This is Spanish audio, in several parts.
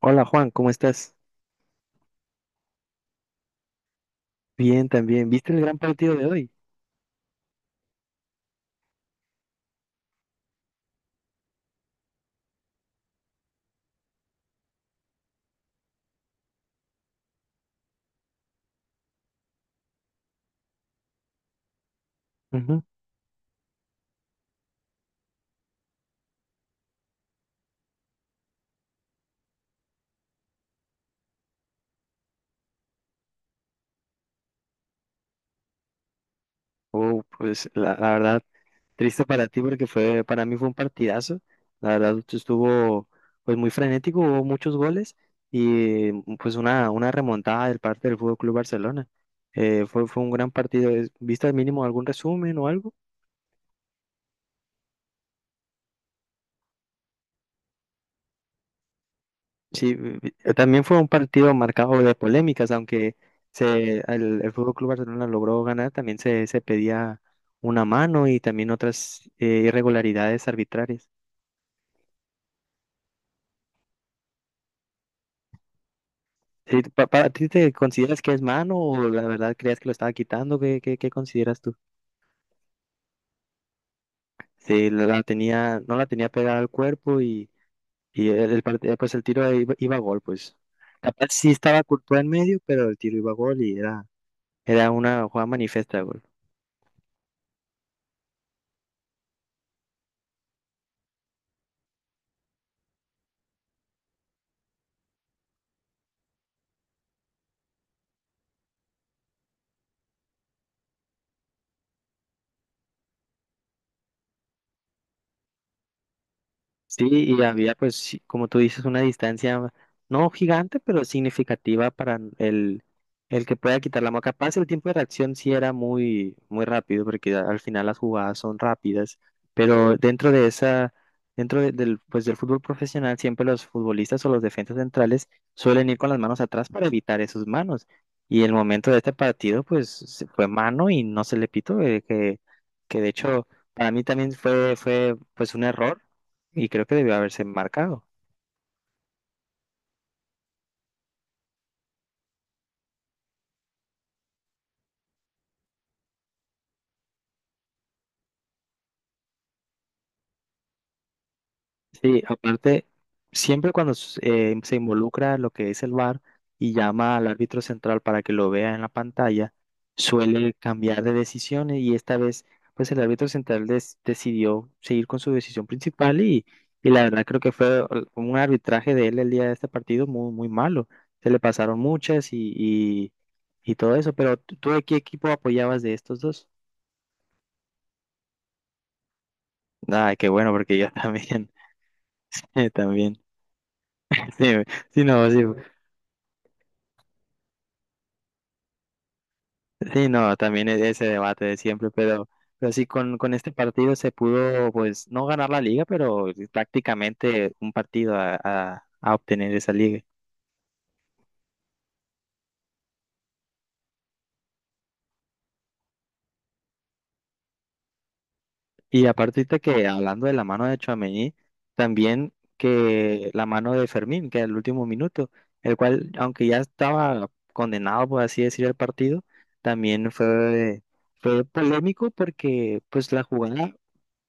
Hola Juan, ¿cómo estás? Bien, también. ¿Viste el gran partido de hoy? Ujú. Oh, pues la verdad, triste para ti porque para mí fue un partidazo. La verdad, estuvo pues muy frenético, hubo muchos goles y pues una remontada del parte del Fútbol Club Barcelona. Fue un gran partido. ¿Viste al mínimo algún resumen o algo? Sí, también fue un partido marcado de polémicas, aunque el Fútbol Club Barcelona logró ganar, también se pedía una mano y también otras irregularidades arbitrarias. Sí, ¿Para ti te consideras que es mano o la verdad creías que lo estaba quitando? ¿Qué consideras tú? Sí, la tenía, no la tenía pegada al cuerpo y, pues el tiro iba a gol, pues. Capaz sí estaba Courtois en medio, pero el tiro iba a gol era una jugada manifiesta. Sí, y había, pues, sí, como tú dices, una distancia no gigante, pero significativa para el que pueda quitar la mano. Capaz el tiempo de reacción sí era muy rápido, porque al final las jugadas son rápidas, pero dentro de esa, dentro de- del, pues, del fútbol profesional, siempre los futbolistas o los defensas centrales suelen ir con las manos atrás para evitar esas manos. Y el momento de este partido, pues, fue mano y no se le pitó, que de hecho, para mí también fue, pues, un error y creo que debió haberse marcado. Sí, aparte, siempre cuando se involucra lo que es el VAR y llama al árbitro central para que lo vea en la pantalla, suele cambiar de decisiones y esta vez, pues el árbitro central decidió seguir con su decisión principal y la verdad creo que un arbitraje de él el día de este partido muy malo. Se le pasaron muchas y todo eso, pero ¿tú de qué equipo apoyabas de estos dos? Ay, qué bueno, porque yo también, también. Sí, sí, no, sí, sí, no, también ese debate de siempre, pero sí, con este partido se pudo, pues, no ganar la liga, pero prácticamente un partido a obtener esa liga. Y aparte ahorita que hablando de la mano de Tchouaméni, también que la mano de Fermín, que al último minuto, el cual, aunque ya estaba condenado, por así decir, el partido, también fue polémico porque, pues, la jugada.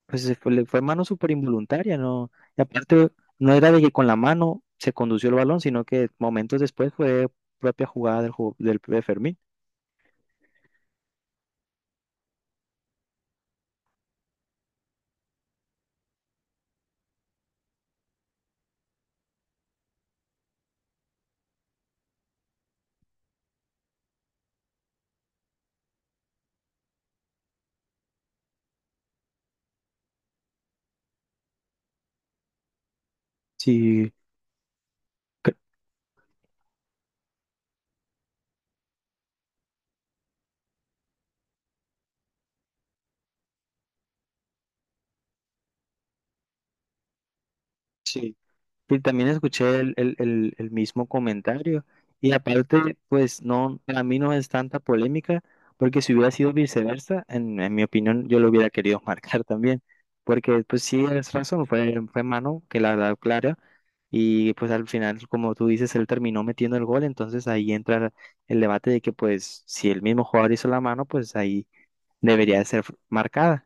Pues se fue, le fue mano súper involuntaria, ¿no? Y aparte, no era de que con la mano se condució el balón, sino que momentos después fue propia jugada del de Fermín. Sí, cre- sí. Y también escuché el mismo comentario. Y aparte, pues no, para mí no es tanta polémica, porque si hubiera sido viceversa, en mi opinión, yo lo hubiera querido marcar también. Porque, pues sí, es razón, fue mano que la da clara. Y pues al final, como tú dices, él terminó metiendo el gol, entonces ahí entra el debate de que pues si el mismo jugador hizo la mano, pues ahí debería de ser marcada.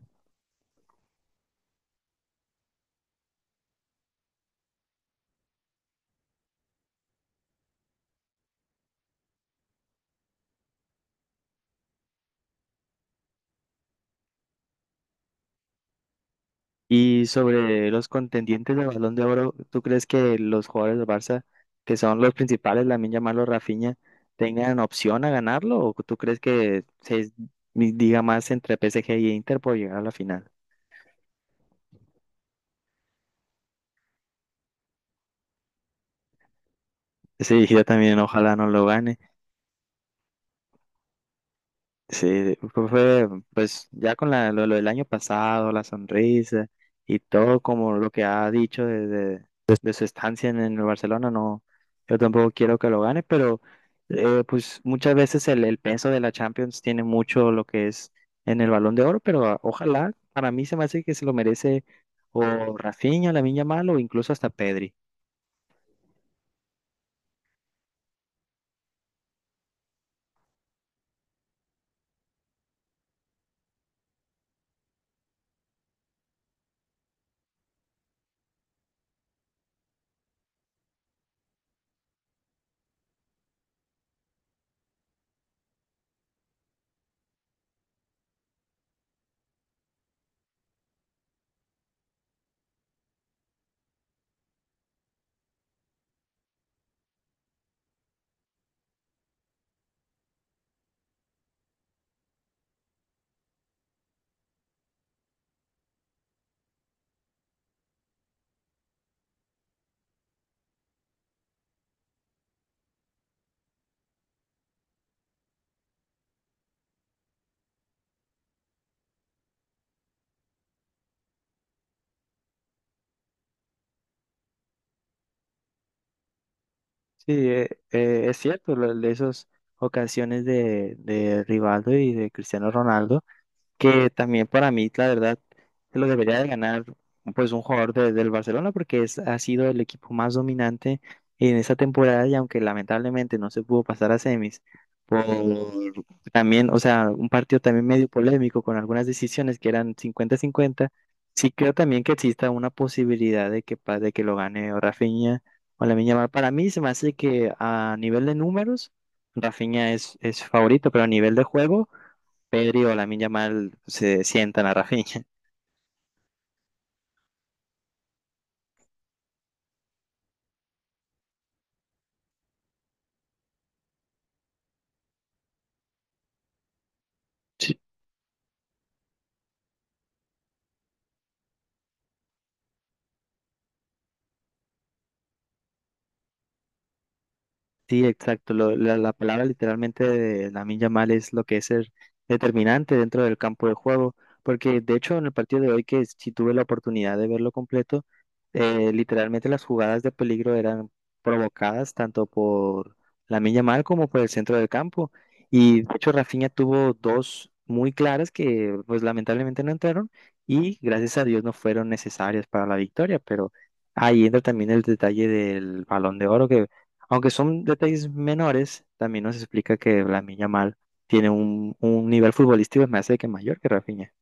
Y sobre los contendientes del Balón de Oro, ¿tú crees que los jugadores del Barça, que son los principales, Lamine Yamal o Rafinha, tengan opción a ganarlo? ¿O tú crees que se diga más entre PSG y Inter por llegar a la final? Sí, yo también, ojalá no lo gane. Sí, pues ya con lo del año pasado, la sonrisa y todo como lo que ha dicho de su estancia en el Barcelona, no, yo tampoco quiero que lo gane, pero pues muchas veces el peso de la Champions tiene mucho lo que es en el Balón de Oro, pero ojalá, para mí se me hace que se lo merece o Rafinha, Lamine Yamal o incluso hasta Pedri. Sí, es cierto, de esas ocasiones de Rivaldo y de Cristiano Ronaldo. Que también para mí, la verdad, se lo debería de ganar pues un jugador del Barcelona porque es, ha sido el equipo más dominante en esta temporada y aunque lamentablemente no se pudo pasar a semis, por también, o sea, un partido también medio polémico con algunas decisiones que eran 50-50. Sí creo también que exista una posibilidad de que, de que lo gane o Rafinha o la Yamal. Para mí se me hace que a nivel de números, Rafinha es favorito, pero a nivel de juego... Pedri o Lamine Yamal se sientan a Rafinha. Sí, exacto. La palabra literalmente de Lamine Yamal es lo que es ser determinante dentro del campo de juego, porque de hecho en el partido de hoy que sí tuve la oportunidad de verlo completo, literalmente las jugadas de peligro eran provocadas tanto por Lamine Yamal como por el centro del campo. Y de hecho Rafinha tuvo dos muy claras que pues lamentablemente no entraron y gracias a Dios no fueron necesarias para la victoria, pero ahí entra también el detalle del Balón de Oro que aunque son detalles menores, también nos explica que Lamine Yamal tiene un nivel futbolístico más de que mayor que Rafinha.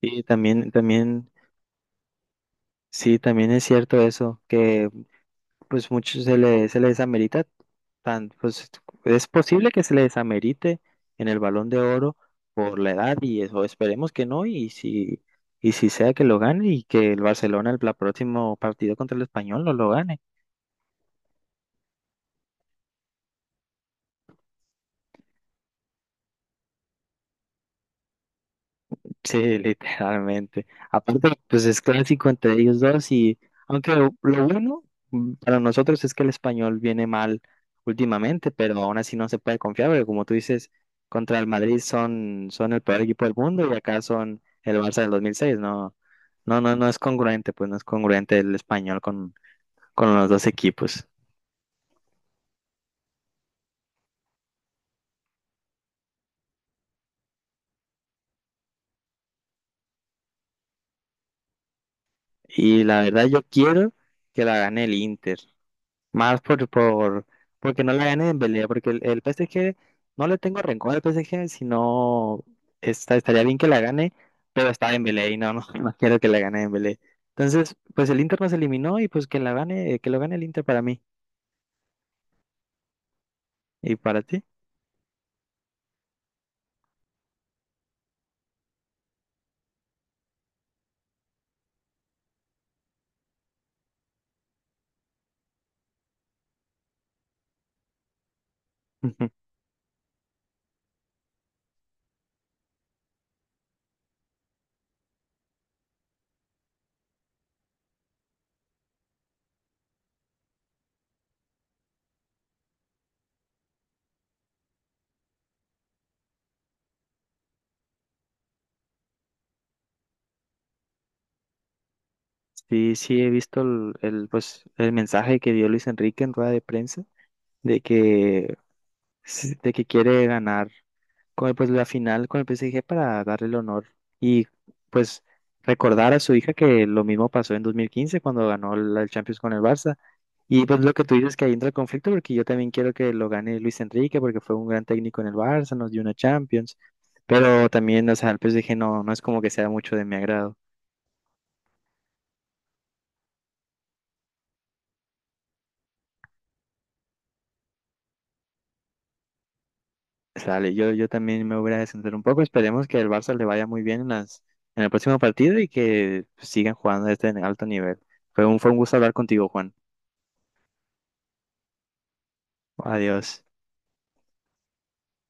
Y también, también, sí, también es cierto eso, que pues muchos se les amerita, tan, pues es posible que se les amerite en el Balón de Oro por la edad y eso, esperemos que no, y si sea que lo gane y que el Barcelona la próximo partido contra el Español no lo gane. Sí, literalmente. Aparte, pues es clásico entre ellos dos y aunque lo bueno para nosotros es que el español viene mal últimamente, pero aún así no se puede confiar, porque como tú dices, contra el Madrid son el peor equipo del mundo y acá son el Barça del 2006. No, no, no, no es congruente, pues no es congruente el español con los dos equipos. Y la verdad yo quiero que la gane el Inter, más por porque no la gane Dembélé, porque el PSG no le tengo rencor al PSG, sino estaría bien que la gane, pero está Dembélé y no, no, no quiero que la gane Dembélé. Entonces, pues el Inter nos eliminó y pues que la gane, que lo gane el Inter para mí y para ti. Sí, sí he visto pues el mensaje que dio Luis Enrique en rueda de prensa de que quiere ganar con pues, la final con el PSG para darle el honor y pues recordar a su hija que lo mismo pasó en 2015 cuando ganó la el Champions con el Barça. Y pues lo que tú dices que ahí entra el conflicto porque yo también quiero que lo gane Luis Enrique porque fue un gran técnico en el Barça, nos dio una Champions, pero también, o sea, el PSG no, no es como que sea mucho de mi agrado. Sale, yo también me voy a descender un poco, esperemos que el Barça le vaya muy bien en en el próximo partido y que sigan jugando a este alto nivel. Fue un gusto hablar contigo, Juan. Adiós.